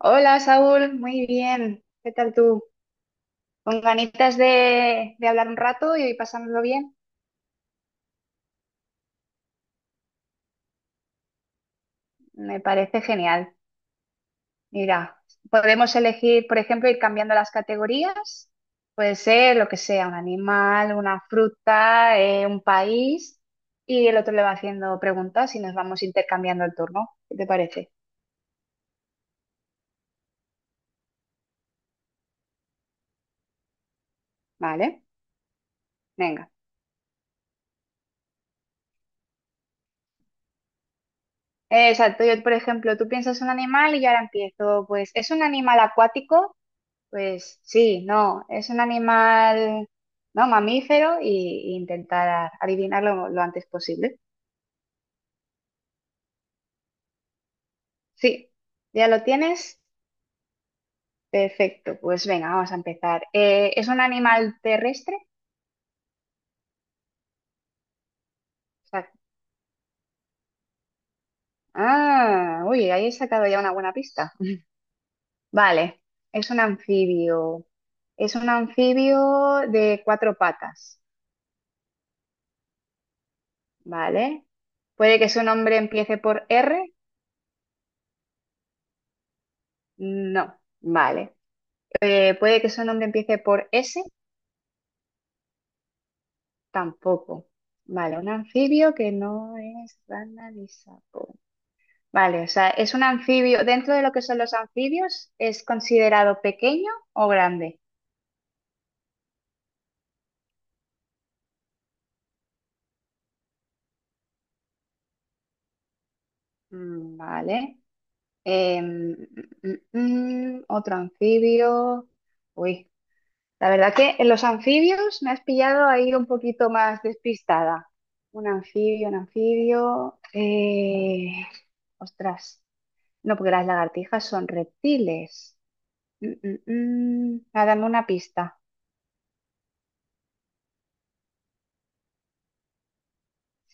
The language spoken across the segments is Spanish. Hola Saúl, muy bien. ¿Qué tal tú? Con ganitas de hablar un rato y pasárnoslo bien. Me parece genial. Mira, podemos elegir, por ejemplo, ir cambiando las categorías. Puede ser lo que sea, un animal, una fruta, un país. Y el otro le va haciendo preguntas y nos vamos intercambiando el turno. ¿Qué te parece? Vale, venga. Exacto, yo, por ejemplo, tú piensas un animal y yo ahora empiezo. Pues, ¿es un animal acuático? Pues sí, no, es un animal, no, mamífero y intentar adivinarlo lo antes posible. Sí, ya lo tienes. Perfecto, pues venga, vamos a empezar. ¿Es un animal terrestre? O sea, ah, uy, ahí he sacado ya una buena pista. Vale, es un anfibio. Es un anfibio de cuatro patas, ¿vale? ¿Puede que su nombre empiece por R? No, vale. ¿Puede que su nombre empiece por S? Tampoco. Vale, un anfibio que no es rana ni sapo. Vale, o sea, es un anfibio. Dentro de lo que son los anfibios, ¿es considerado pequeño o grande? Mm, vale. Em, otro anfibio. Uy, la verdad que en los anfibios me has pillado ahí un poquito más despistada. Un anfibio, un anfibio. Ostras. No, porque las lagartijas son reptiles. Mm, mm, mm. Ah, dame una pista.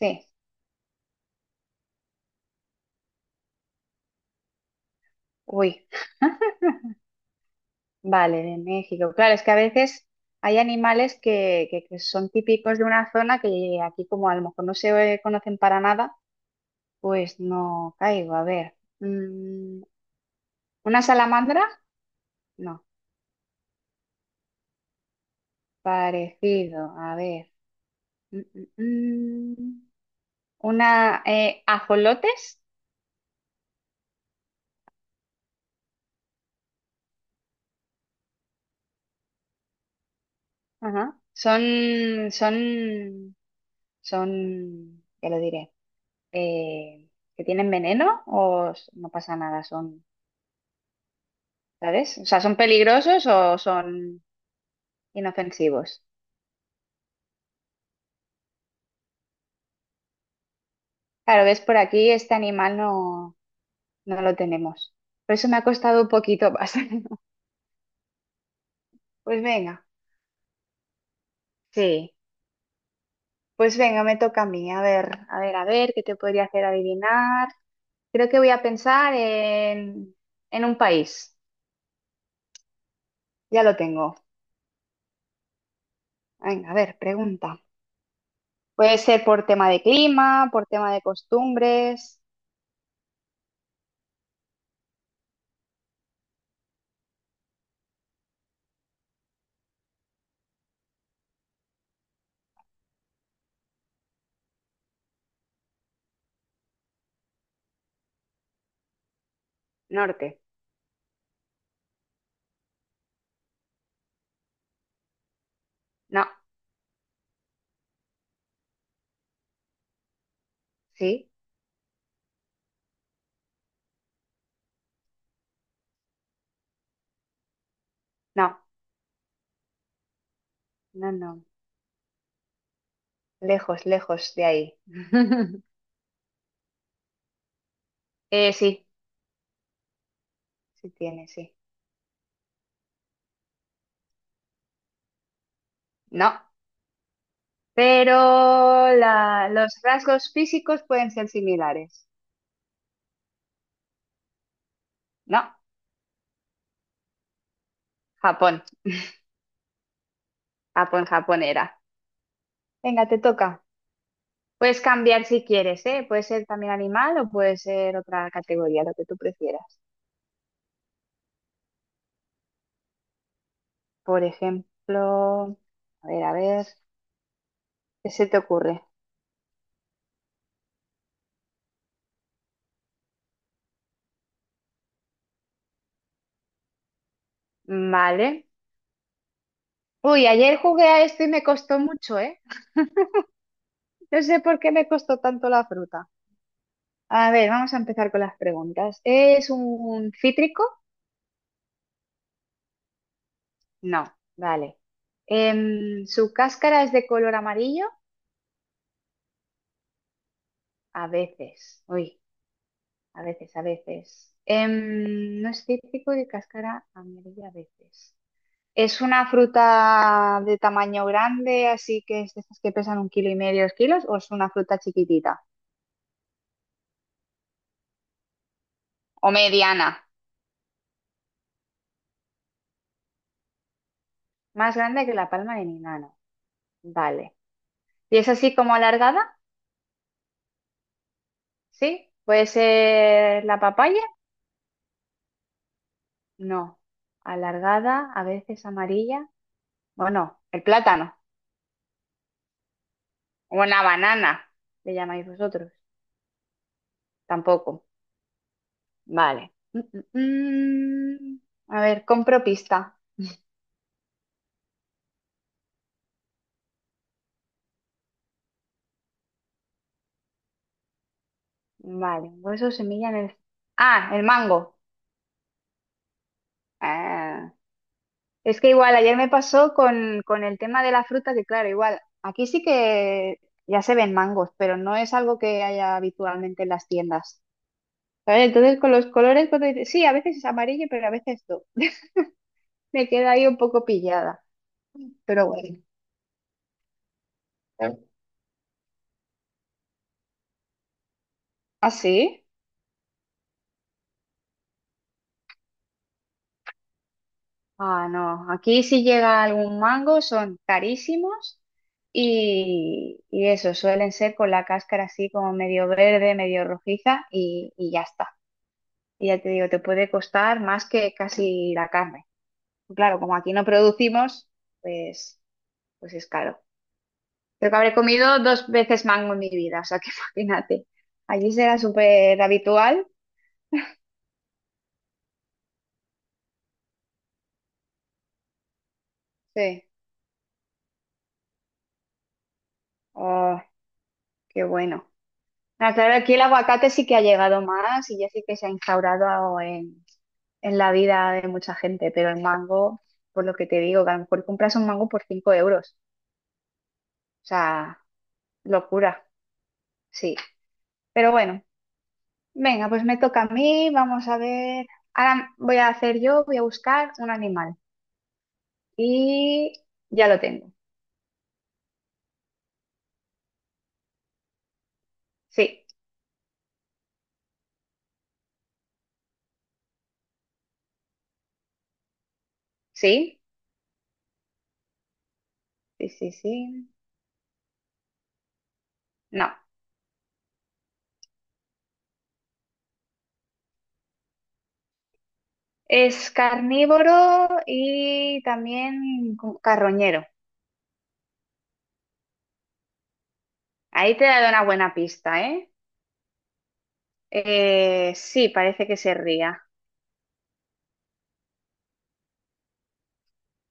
Sí. Uy, vale, de México. Claro, es que a veces hay animales que, que son típicos de una zona que aquí como a lo mejor no se conocen para nada, pues no caigo. A ver. ¿Una salamandra? No. Parecido. A ver. Mm, mm, mm. ¿Ajolotes? Ajá. Ya lo diré. eh, que tienen veneno no pasa nada, son, ¿sabes? O sea, ¿son peligrosos o son inofensivos? Claro, ves, por aquí este animal no, no lo tenemos. Por eso me ha costado un poquito más. Pues venga, sí. Pues venga, me toca a mí. A ver, a ver, a ver, ¿qué te podría hacer adivinar? Creo que voy a pensar en un país. Ya lo tengo. Venga, a ver, pregunta. Puede ser por tema de clima, por tema de costumbres. Norte. No. Sí, no, no, no. Lejos, lejos de ahí. Sí, sí tiene, sí. No, pero los rasgos físicos pueden ser similares. No, Japón, Japón, Japón era. Venga, te toca. Puedes cambiar si quieres, ¿eh? Puede ser también animal o puede ser otra categoría, lo que tú prefieras. Por ejemplo, a ver, ¿qué se te ocurre? Vale. Uy, ayer jugué a esto y me costó mucho, ¿eh? No sé por qué me costó tanto la fruta. A ver, vamos a empezar con las preguntas. ¿Es un cítrico? No, vale. ¿Su cáscara es de color amarillo? A veces, uy, a veces, a veces. No es cítrico de cáscara amarilla a veces. ¿Es una fruta de tamaño grande, así que es de estas que pesan 1 kilo y medio, 2 kilos, o es una fruta chiquitita? O mediana, más grande que la palma de mi mano. Vale. ¿Y es así como alargada? Sí, puede ser la papaya, no. Alargada, a veces amarilla. Bueno, el plátano. Una banana, le llamáis vosotros. Tampoco. Vale. Mm, mm, mm. A ver, compro pista. Vale, hueso, semilla en el... Ah, el mango. Ah, es que igual ayer me pasó con el tema de la fruta, que claro, igual aquí sí que ya se ven mangos, pero no es algo que haya habitualmente en las tiendas. ¿Sabes? Entonces con los colores, cuando dices, sí, a veces es amarillo, pero a veces no. Me queda ahí un poco pillada, pero bueno. ¿Ah, sí? Ah, no. Aquí si llega algún mango son carísimos y eso, suelen ser con la cáscara así como medio verde, medio rojiza y ya está. Y ya te digo, te puede costar más que casi la carne. Claro, como aquí no producimos, pues, pues es caro. Creo que habré comido dos veces mango en mi vida, o sea que imagínate. Allí será súper habitual. Sí. Oh, qué bueno. Ah, claro, aquí el aguacate sí que ha llegado más y ya sí que se ha instaurado en la vida de mucha gente, pero el mango, por lo que te digo, que a lo mejor compras un mango por 5 euros. O sea, locura, sí. Pero bueno, venga, pues me toca a mí, vamos a ver. Ahora voy a hacer yo, voy a buscar un animal. Y ya lo tengo. Sí, sí. Sí, sí, sí. No. Es carnívoro y también carroñero. Ahí te he dado una buena pista, ¿eh? Sí, parece que se ría.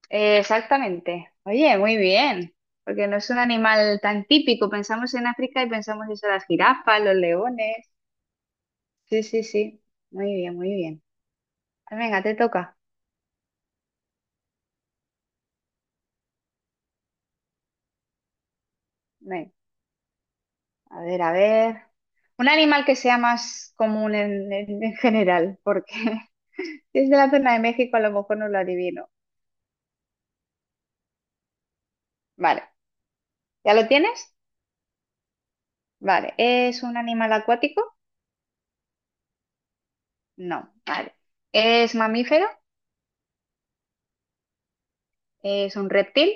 Exactamente. Oye, muy bien. Porque no es un animal tan típico. Pensamos en África y pensamos eso, las jirafas, los leones. Sí, sí, sí. Muy bien, muy bien. Venga, te toca. Venga. A ver, a ver. Un animal que sea más común en, en general, porque si es de la zona de México, a lo mejor no lo adivino. Vale, ¿ya lo tienes? Vale, ¿es un animal acuático? No, vale. ¿Es mamífero? ¿Es un reptil?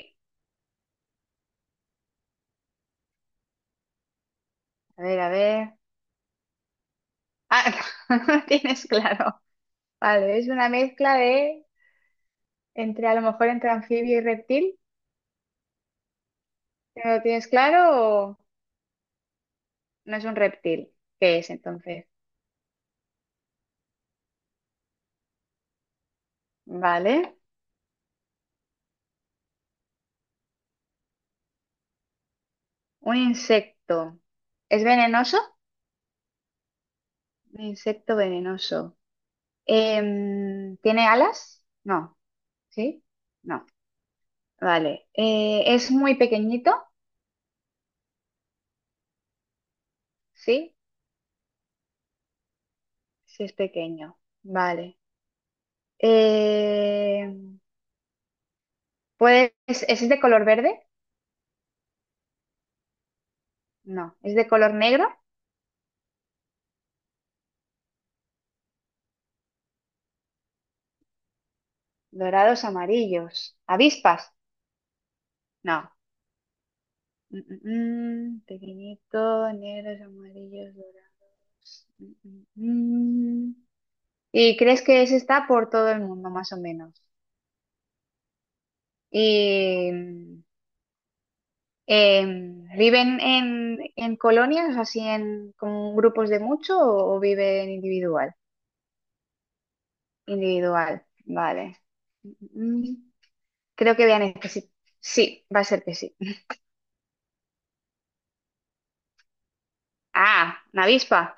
A ver, a ver. Ah, no lo tienes claro. Vale, es una mezcla de entre a lo mejor entre anfibio y reptil. ¿No lo tienes claro o no es un reptil? ¿Qué es entonces? Vale. Un insecto. ¿Es venenoso? Un insecto venenoso. ¿Tiene alas? No. ¿Sí? No. Vale. ¿Es muy pequeñito? Sí. Sí es pequeño. Vale. Em, es de color verde? No. ¿Es de color negro? Dorados, amarillos. ¿Avispas? No. Mm, mm, mm. Pequeñito, negros, amarillos, dorados. Mm, mm, mm. Y crees que ese está por todo el mundo, más o menos. Y ¿viven en colonias, así en como grupos de mucho, o viven individual? Individual, vale. Mm, Creo que voy a necesitar. Sí, sí, va a ser que sí. Ah, una avispa.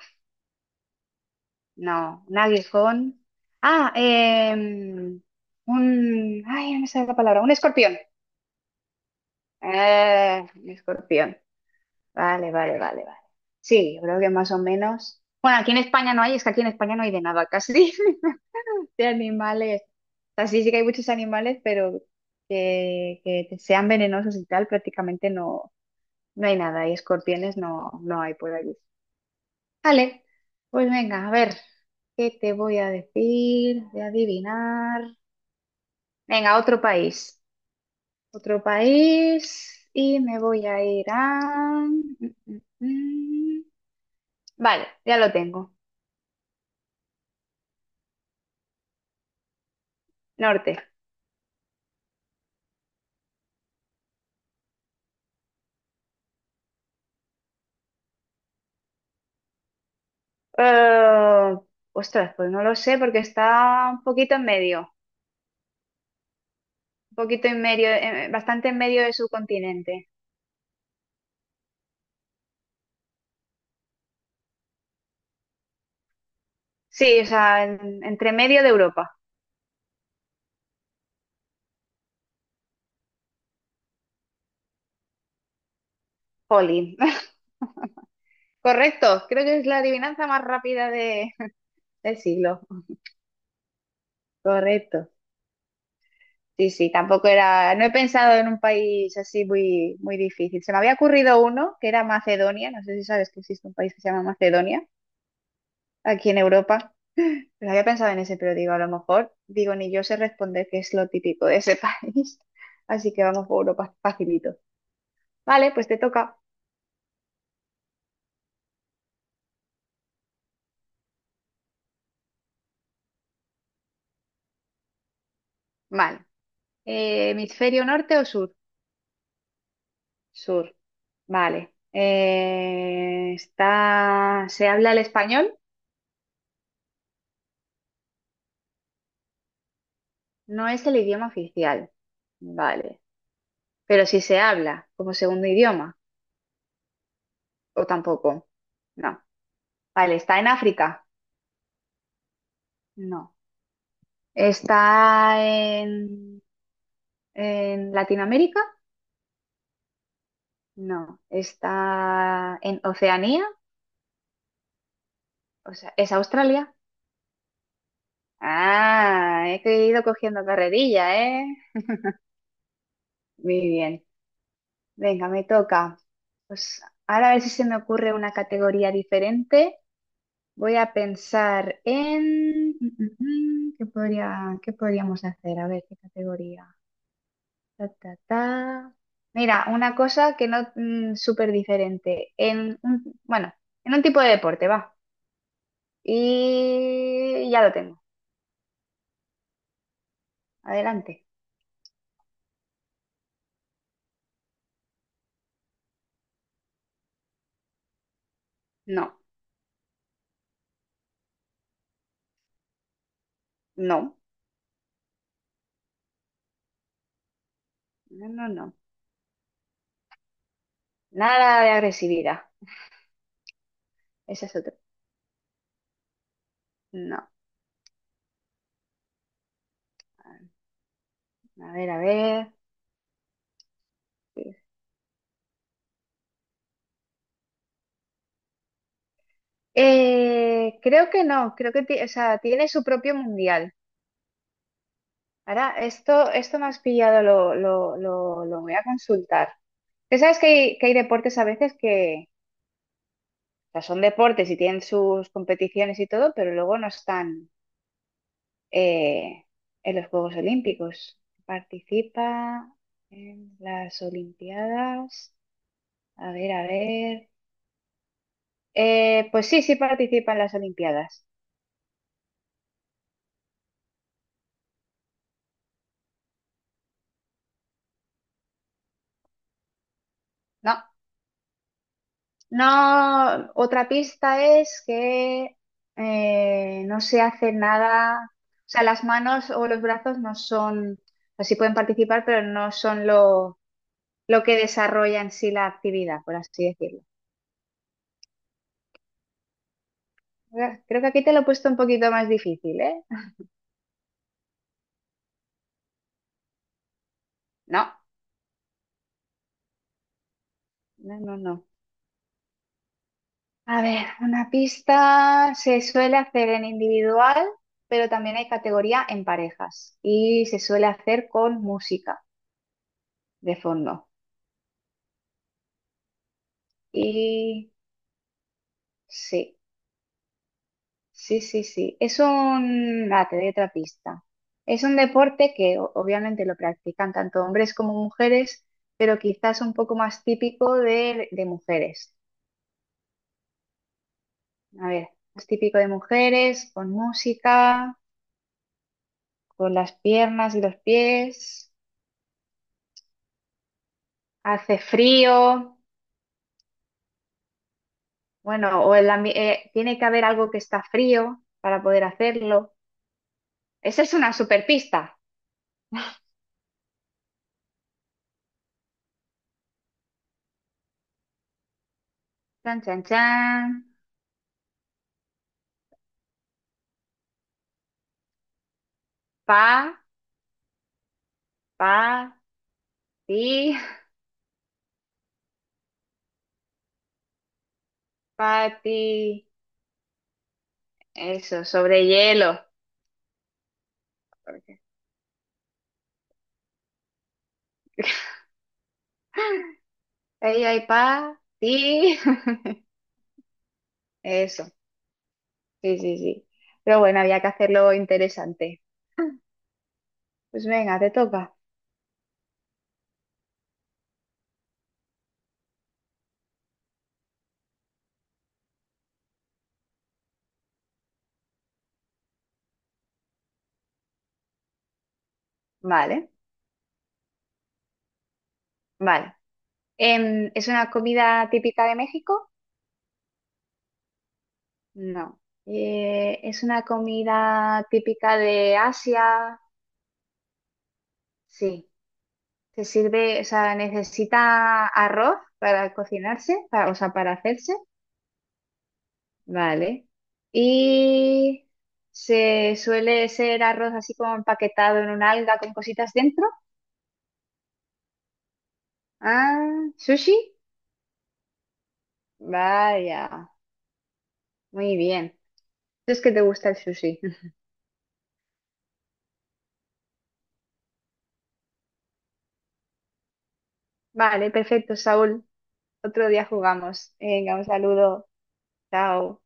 No, un aguijón. Ah, em, un. Ay, no me sale la palabra. Un escorpión. Un escorpión. Vale, vale, vale, vale. Sí, yo creo que más o menos. Bueno, aquí en España no hay, es que aquí en España no hay de nada casi, de animales. O sea, sí, sí que hay muchos animales, pero que sean venenosos y tal, prácticamente no, no hay nada. Y escorpiones no, no hay por allí. Vale, pues venga, a ver, ¿qué te voy a decir? Voy a adivinar. Venga, otro país. Otro país. Y me voy a ir a... Mm, mm, mm. Vale, ya lo tengo. Norte. Eh, ostras, pues no lo sé porque está un poquito en medio, un poquito en medio, bastante en medio del subcontinente. Sí, o sea, entre medio de Europa. Jolín. Correcto, creo que es la adivinanza más rápida del siglo. Correcto. Sí, sí, tampoco era, no he pensado en un país así muy, muy difícil. Se me había ocurrido uno que era Macedonia, no sé si sabes que existe un país que se llama Macedonia, aquí en Europa. Pero había pensado en ese, pero digo, a lo mejor, digo, ni yo sé responder que es lo típico de ese país. Así que vamos por Europa facilito. Vale, pues te toca. Vale. ¿Hemisferio norte o sur? Sur. Vale. ¿Se habla el español? No es el idioma oficial. Vale. Pero si se habla como segundo idioma, o tampoco. No. Vale, ¿está en África? No. ¿Está en Latinoamérica, no. Está en Oceanía, o sea, es Australia. Ah, he ido cogiendo carrerilla, ¿eh? Muy bien. Venga, me toca. Pues ahora a ver si se me ocurre una categoría diferente. Voy a pensar en. ¿Qué podría, qué podríamos hacer? A ver, ¿qué categoría? Ta, ta, ta. Mira, una cosa que no, súper diferente. En un, bueno, en un tipo de deporte, va. Y ya lo tengo. Adelante. No, no, no, no, no. Nada de agresividad. Ese es otro. No. A ver, a ver. Creo que no, creo que o sea, tiene su propio mundial. Ahora, esto me has pillado, lo voy a consultar. Que sabes que hay deportes a veces que, o sea, son deportes y tienen sus competiciones y todo, pero luego no están. eh, en los Juegos Olímpicos. Participa en las Olimpiadas. A ver, a ver. Pues sí, sí participa en las Olimpiadas. No, no. Otra pista es que no se hace nada. O sea, las manos o los brazos no son. Así pueden participar, pero no son lo que desarrolla en sí la actividad, por así decirlo. Creo que aquí te lo he puesto un poquito más difícil, ¿eh? No, no, no, no. A ver, una pista se suele hacer en individual, pero también hay categoría en parejas y se suele hacer con música de fondo. Y sí, sí, sí, sí. Ah, te doy otra pista. Es un deporte que obviamente lo practican tanto hombres como mujeres, pero quizás un poco más típico de mujeres. A ver, es típico de mujeres, con música, con las piernas y los pies. Hace frío, bueno, o el tiene que haber algo que está frío para poder hacerlo. Esa es una superpista. Chan, chan, chan. Pa, pa, ti, pa, ti. Eso, sobre hielo. Porque ahí hay pa, ti. Eso, sí, sí, sí. Pero bueno, había que hacerlo interesante. Pues venga, te toca. Vale, vale. ¿Es una comida típica de México? No. Es una comida típica de Asia. Sí. Se sirve, o sea, necesita arroz para cocinarse, o sea, para hacerse. Vale. Y se suele ser arroz así como empaquetado en un alga con cositas dentro. Ah, sushi. Vaya. Muy bien. Si es que te gusta el sushi. Vale, perfecto, Saúl. Otro día jugamos. Venga, un saludo. Chao.